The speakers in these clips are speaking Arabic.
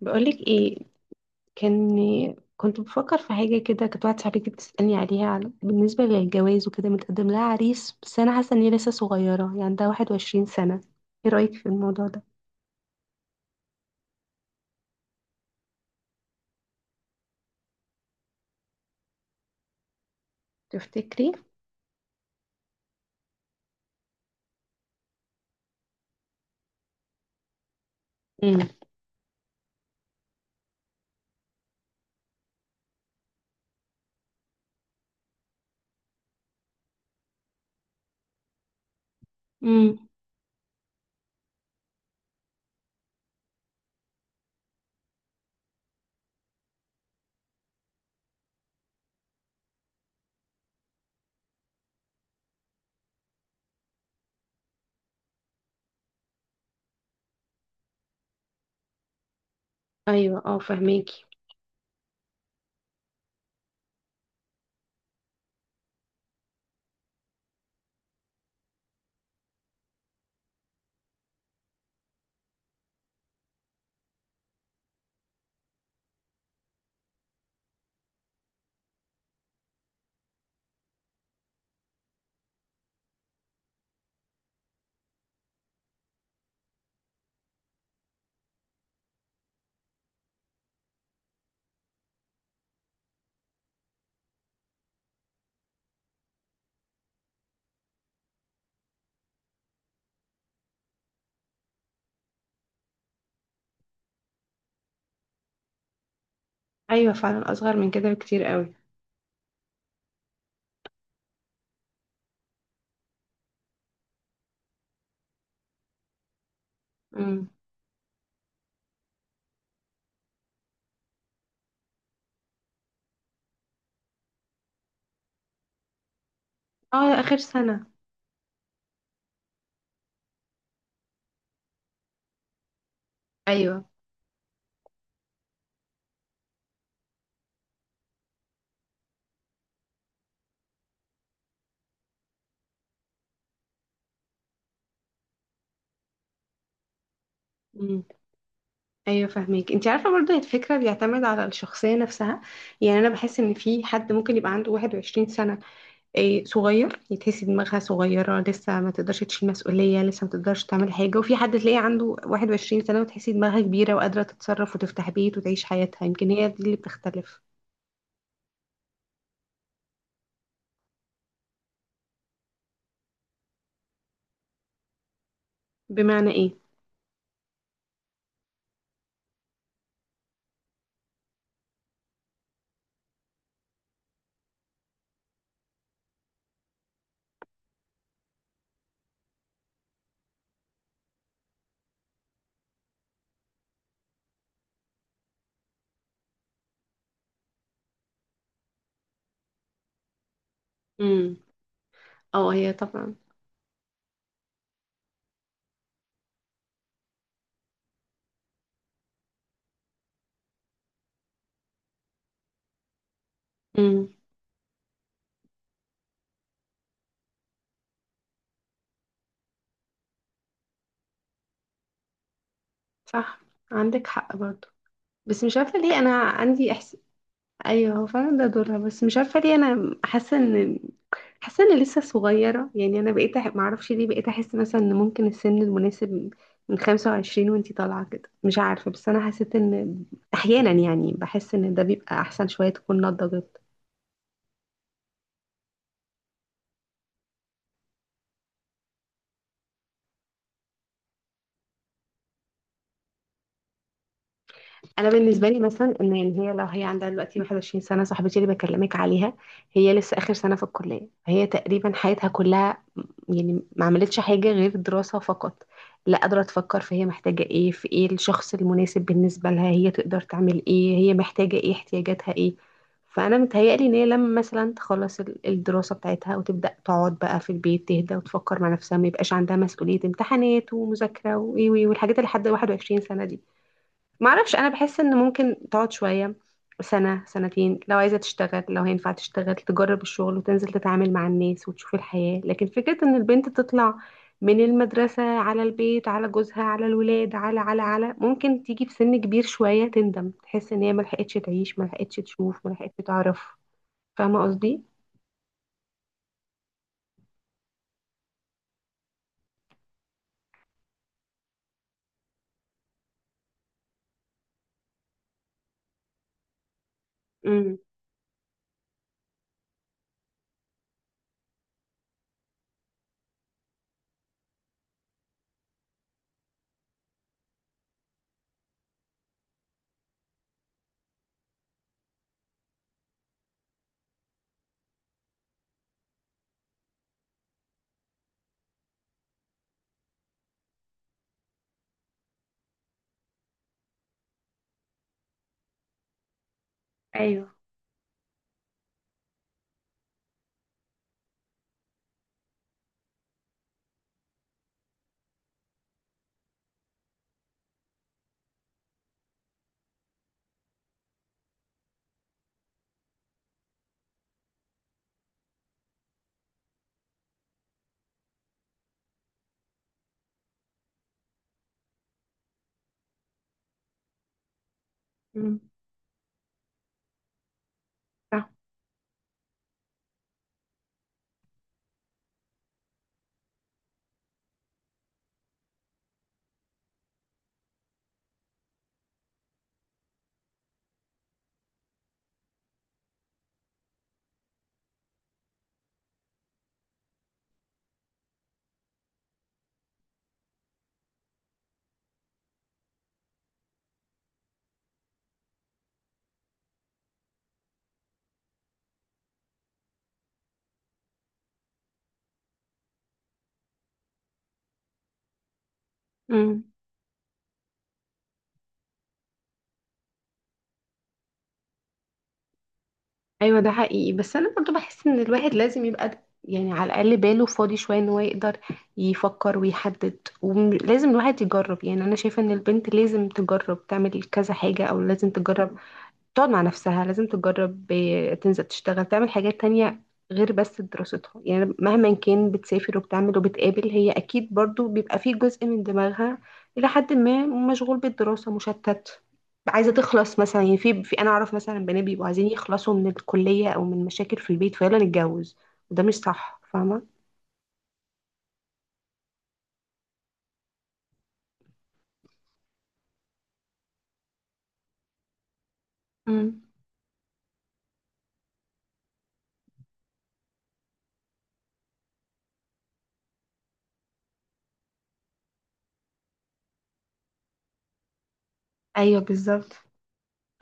بقولك ايه. كان كنت بفكر في حاجة كده. كانت واحدة صاحبتي بتسألني عليها بالنسبة للجواز وكده، متقدم لها عريس، بس أنا حاسة إن هي لسه صغيرة، يعني عندها 21 سنة. ايه رأيك في الموضوع ده؟ تفتكري؟ امم. امم. أيوة، اه، فهماكي. أيوة فعلا، أصغر من كده بكتير قوي. امم. اه، آخر سنة. ايوه. امم. ايوه فاهمك، انت عارفه برضه الفكره بيعتمد على الشخصيه نفسها. يعني انا بحس ان في حد ممكن يبقى عنده 21 سنه، إيه، صغير. تحسي دماغها صغيرة لسه، ما تقدرش تشيل مسؤولية، لسه ما تقدرش تعمل حاجة. وفي حد تلاقيه عنده 21 سنة وتحسي دماغها كبيرة وقادرة تتصرف وتفتح بيت وتعيش حياتها. يمكن هي دي اللي بتختلف. بمعنى ايه؟ امم. اه، هي طبعا. امم. صح. عندك حق برضو. بس مش عارفة ليه انا عندي إحس... ايوه، هو فعلا ده دورها، بس مش عارفه ليه انا حاسه ان... حاسه اني لسه صغيره، يعني انا بقيت معرفش ليه بقيت احس مثلا ان ممكن السن المناسب من 25 وانتي طالعه كده. مش عارفه، بس انا حسيت ان احيانا، يعني بحس ان ده بيبقى احسن، شويه تكون نضجت. انا بالنسبه لي مثلا، ان يعني هي لو هي عندها دلوقتي 21 سنه، صاحبتي اللي بكلمك عليها، هي لسه اخر سنه في الكليه. هي تقريبا حياتها كلها يعني ما عملتش حاجة غير دراسة فقط، لا قادرة تفكر، فهي محتاجة ايه، في ايه الشخص المناسب بالنسبة لها، هي تقدر تعمل ايه، هي محتاجة ايه، احتياجاتها ايه. فأنا متهيألي إن هي لما مثلا تخلص الدراسة بتاعتها وتبدأ تقعد بقى في البيت، تهدى وتفكر مع نفسها، ما يبقاش عندها مسؤولية امتحانات ومذاكرة وإيه وإيه والحاجات اللي لحد 21 سنة دي. معرفش، انا بحس ان ممكن تقعد شويه، سنه سنتين، لو عايزه تشتغل، لو هينفع تشتغل تجرب الشغل وتنزل تتعامل مع الناس وتشوف الحياه. لكن فكره ان البنت تطلع من المدرسه على البيت على جوزها على الولاد على على على ممكن تيجي في سن كبير شويه تندم، تحس ان هي ما لحقتش تعيش، ما لحقتش تشوف، ما لحقتش تعرف. فاهمه قصدي؟ امم. ايوه. امم. صح. ايوه ده حقيقي، بس انا برضو بحس ان الواحد لازم يبقى يعني على الاقل باله فاضي شويه ان هو يقدر يفكر ويحدد. ولازم الواحد يجرب، يعني انا شايفه ان البنت لازم تجرب تعمل كذا حاجه، او لازم تجرب تقعد مع نفسها، لازم تجرب تنزل تشتغل تعمل حاجات تانية غير بس دراستها. يعني مهما كان بتسافر وبتعمل وبتقابل، هي أكيد برضو بيبقى فيه جزء من دماغها إلى حد ما مشغول بالدراسة، مشتت، عايزة تخلص مثلا. يعني في, في أنا أعرف مثلا بنات بيبقوا عايزين يخلصوا من الكلية أو من مشاكل في البيت فيلا نتجوز، وده مش صح. فاهمة؟ امم. ايوه بالظبط.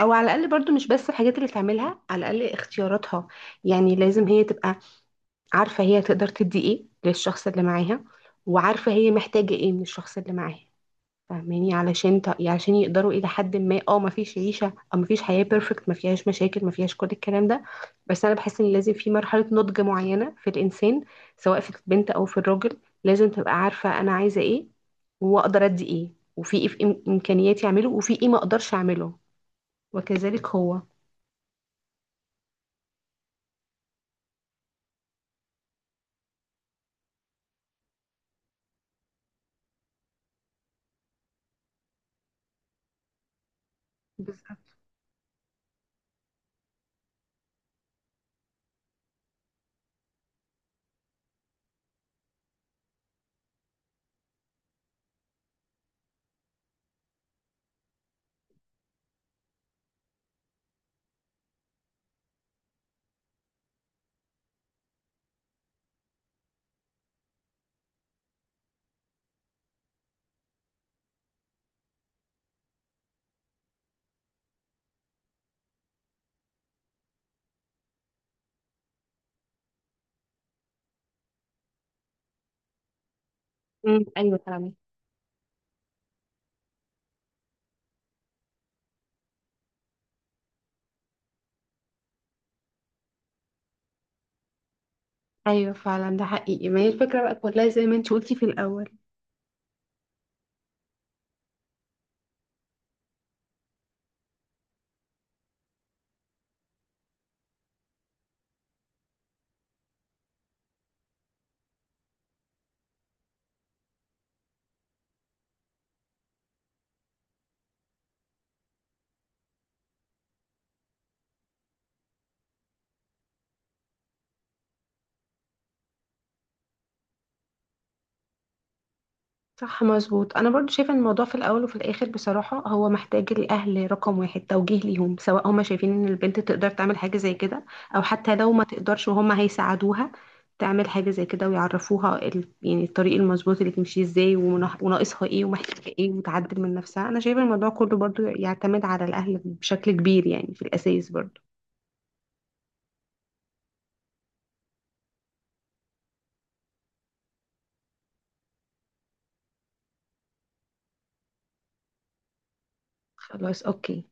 او على الاقل برضو مش بس الحاجات اللي تعملها، على الاقل اختياراتها. يعني لازم هي تبقى عارفة هي تقدر تدي ايه للشخص اللي معاها، وعارفة هي محتاجة ايه من الشخص اللي معاها. فاهماني؟ علشان علشان يقدروا الى حد ما. اه، ما فيش عيشة او ما فيش حياة بيرفكت ما فيهاش مشاكل، ما فيهاش كل الكلام ده. بس انا بحس ان لازم في مرحلة نضج معينة في الانسان، سواء في البنت او في الراجل. لازم تبقى عارفة انا عايزة ايه واقدر ادي ايه، وفي ايه في امكانياتي اعمله وفي ايه ما اقدرش اعمله. وكذلك هو. بالظبط. امم. ايوه فعلا. ايوه فعلا ده حقيقي. ما هي الفكره بقى كلها زي ما انت قلتي في الاول. صح مظبوط، انا برضو شايفه ان الموضوع في الاول وفي الاخر بصراحه هو محتاج الاهل رقم واحد، توجيه ليهم سواء هما شايفين ان البنت تقدر تعمل حاجه زي كده، او حتى لو ما تقدرش وهما هيساعدوها تعمل حاجه زي كده، ويعرفوها يعني الطريق المظبوط اللي تمشي ازاي وناقصها ايه ومحتاجه ايه وتعدل من نفسها. انا شايفه الموضوع كله برضو يعتمد على الاهل بشكل كبير، يعني في الاساس برضو. خلاص، اوكي.